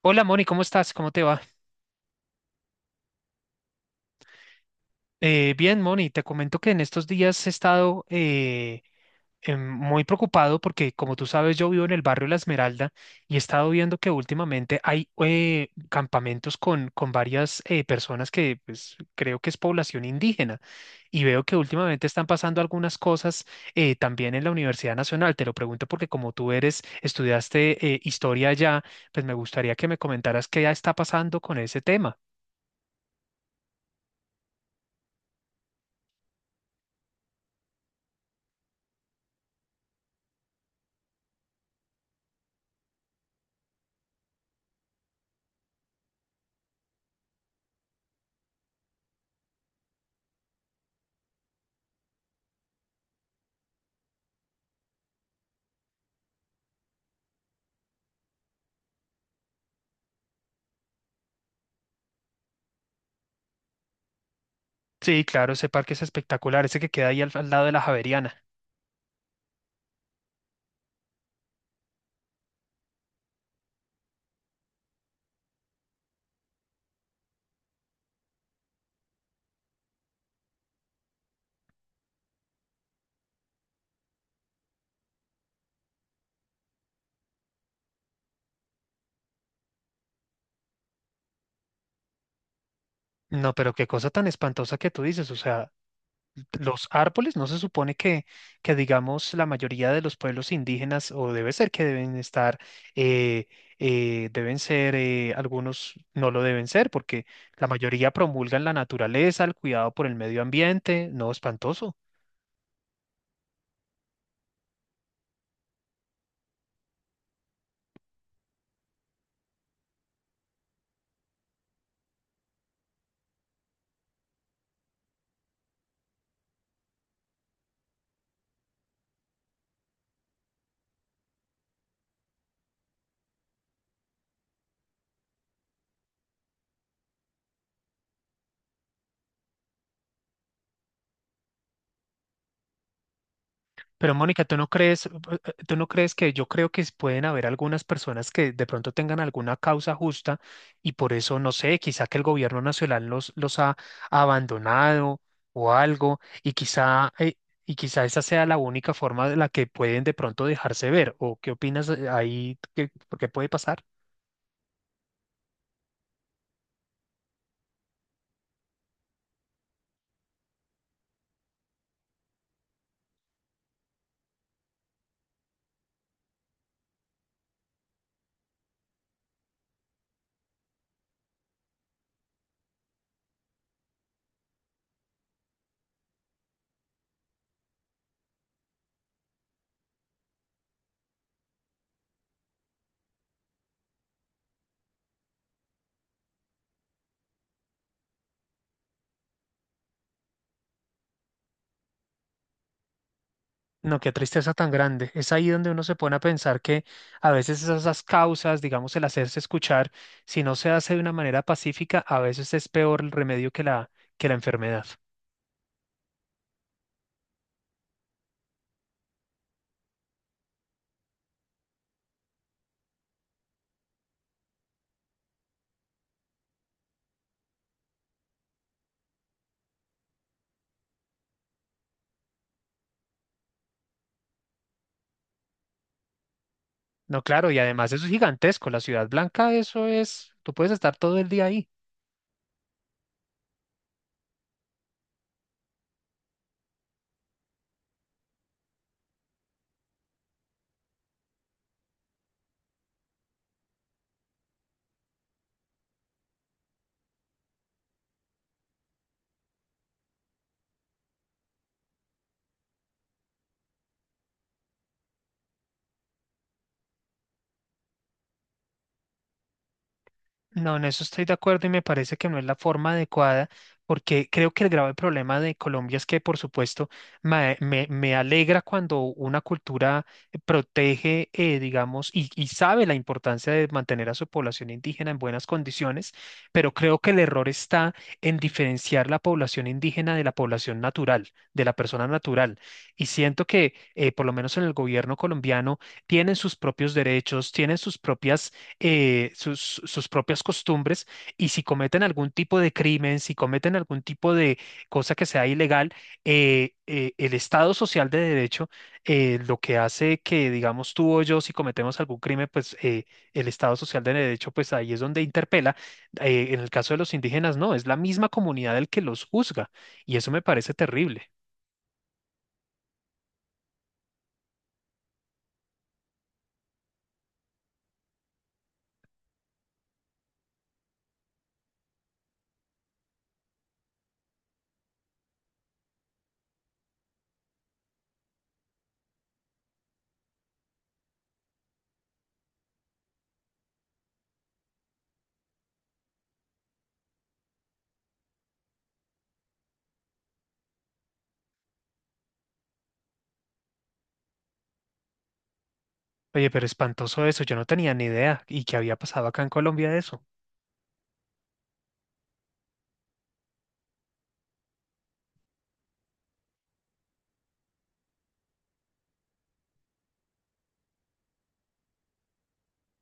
Hola Moni, ¿cómo estás? ¿Cómo te va? Bien, Moni, te comento que en estos días he estado muy preocupado porque, como tú sabes, yo vivo en el barrio La Esmeralda y he estado viendo que últimamente hay campamentos con varias personas que, pues, creo que es población indígena, y veo que últimamente están pasando algunas cosas también en la Universidad Nacional. Te lo pregunto porque como tú eres, estudiaste historia allá, pues me gustaría que me comentaras qué ya está pasando con ese tema. Sí, claro, ese parque es espectacular, ese que queda ahí al lado de la Javeriana. No, pero qué cosa tan espantosa que tú dices, o sea, los árboles no se supone que, digamos, la mayoría de los pueblos indígenas, o debe ser que deben estar, eh, deben ser, algunos no lo deben ser, porque la mayoría promulgan la naturaleza, el cuidado por el medio ambiente, no, espantoso. Pero, Mónica, tú no crees que, yo creo que pueden haber algunas personas que de pronto tengan alguna causa justa y por eso, no sé, quizá que el gobierno nacional los ha abandonado o algo, y quizá esa sea la única forma de la que pueden de pronto dejarse ver? ¿O qué opinas ahí? ¿Qué, por qué puede pasar? No, qué tristeza tan grande. Es ahí donde uno se pone a pensar que a veces esas causas, digamos, el hacerse escuchar, si no se hace de una manera pacífica, a veces es peor el remedio que la enfermedad. No, claro, y además eso es gigantesco. La Ciudad Blanca, eso es, tú puedes estar todo el día ahí. No, en eso estoy de acuerdo y me parece que no es la forma adecuada, porque creo que el grave problema de Colombia es que, por supuesto, me alegra cuando una cultura protege, digamos, y sabe la importancia de mantener a su población indígena en buenas condiciones, pero creo que el error está en diferenciar la población indígena de la población natural, de la persona natural. Y siento que, por lo menos en el gobierno colombiano, tienen sus propios derechos, tienen sus propias sus propias costumbres, y si cometen algún tipo de crimen, si cometen algún tipo de cosa que sea ilegal, el Estado social de derecho lo que hace que, digamos, tú o yo, si cometemos algún crimen, pues, el Estado social de derecho, pues ahí es donde interpela. En el caso de los indígenas, no, es la misma comunidad el que los juzga, y eso me parece terrible. Oye, pero espantoso eso, yo no tenía ni idea y que había pasado acá en Colombia de eso.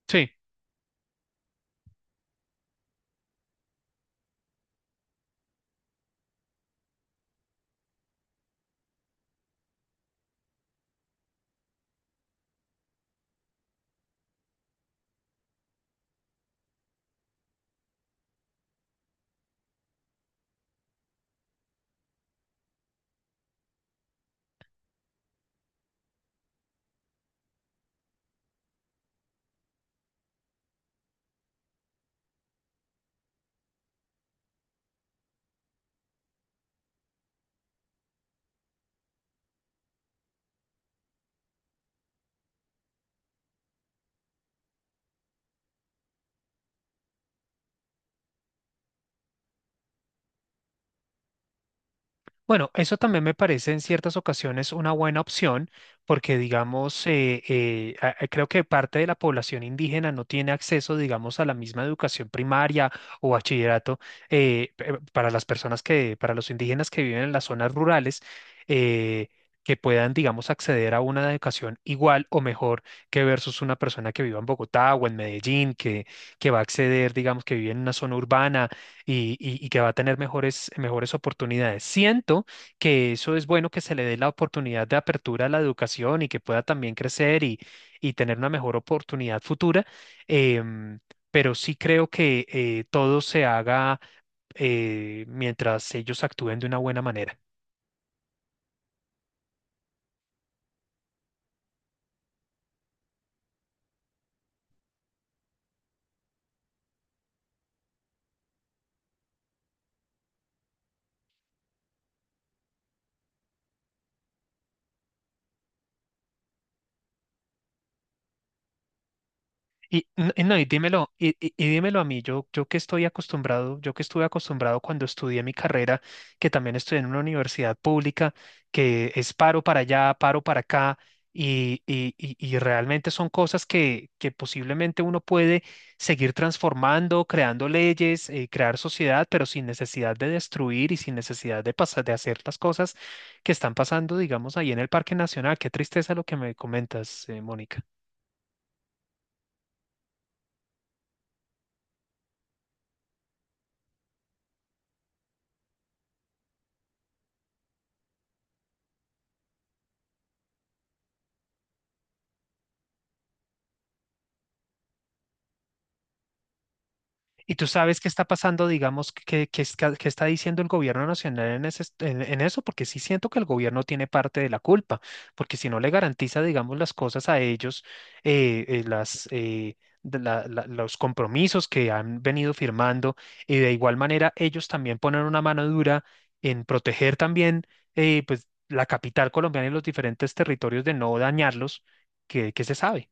Sí. Bueno, eso también me parece en ciertas ocasiones una buena opción, porque, digamos, creo que parte de la población indígena no tiene acceso, digamos, a la misma educación primaria o bachillerato, para las personas que, para los indígenas que viven en las zonas rurales, eh, que puedan, digamos, acceder a una educación igual o mejor que, versus una persona que viva en Bogotá o en Medellín, que va a acceder, digamos, que vive en una zona urbana y, y que va a tener mejores, mejores oportunidades. Siento que eso es bueno, que se le dé la oportunidad de apertura a la educación y que pueda también crecer y tener una mejor oportunidad futura, em, pero sí creo que, todo se haga, mientras ellos actúen de una buena manera. Y no, y dímelo, y dímelo a mí, yo que estoy acostumbrado, yo que estuve acostumbrado cuando estudié mi carrera, que también estudié en una universidad pública, que es paro para allá, paro para acá, y realmente son cosas que posiblemente uno puede seguir transformando, creando leyes, crear sociedad, pero sin necesidad de destruir y sin necesidad de pasar, de hacer las cosas que están pasando, digamos, ahí en el Parque Nacional. Qué tristeza lo que me comentas, Mónica. ¿Y tú sabes qué está pasando, digamos, qué, qué está, qué está diciendo el gobierno nacional en, en eso? Porque sí siento que el gobierno tiene parte de la culpa, porque si no le garantiza, digamos, las cosas a ellos, eh, eh, las, eh, los compromisos que han venido firmando, y de igual manera ellos también ponen una mano dura en proteger también, pues, la capital colombiana y los diferentes territorios de no dañarlos, que se sabe.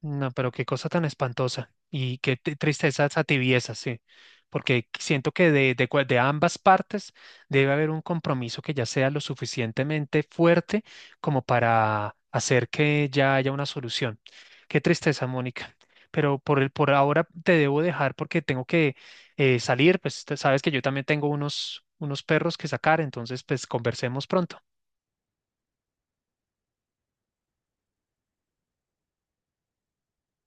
No, pero qué cosa tan espantosa y qué tristeza esa tibieza, sí, porque siento que de ambas partes debe haber un compromiso que ya sea lo suficientemente fuerte como para hacer que ya haya una solución. Qué tristeza, Mónica. Pero por el, por ahora te debo dejar porque tengo que, salir, pues sabes que yo también tengo unos, unos perros que sacar, entonces, pues, conversemos pronto.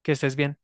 Que estés bien.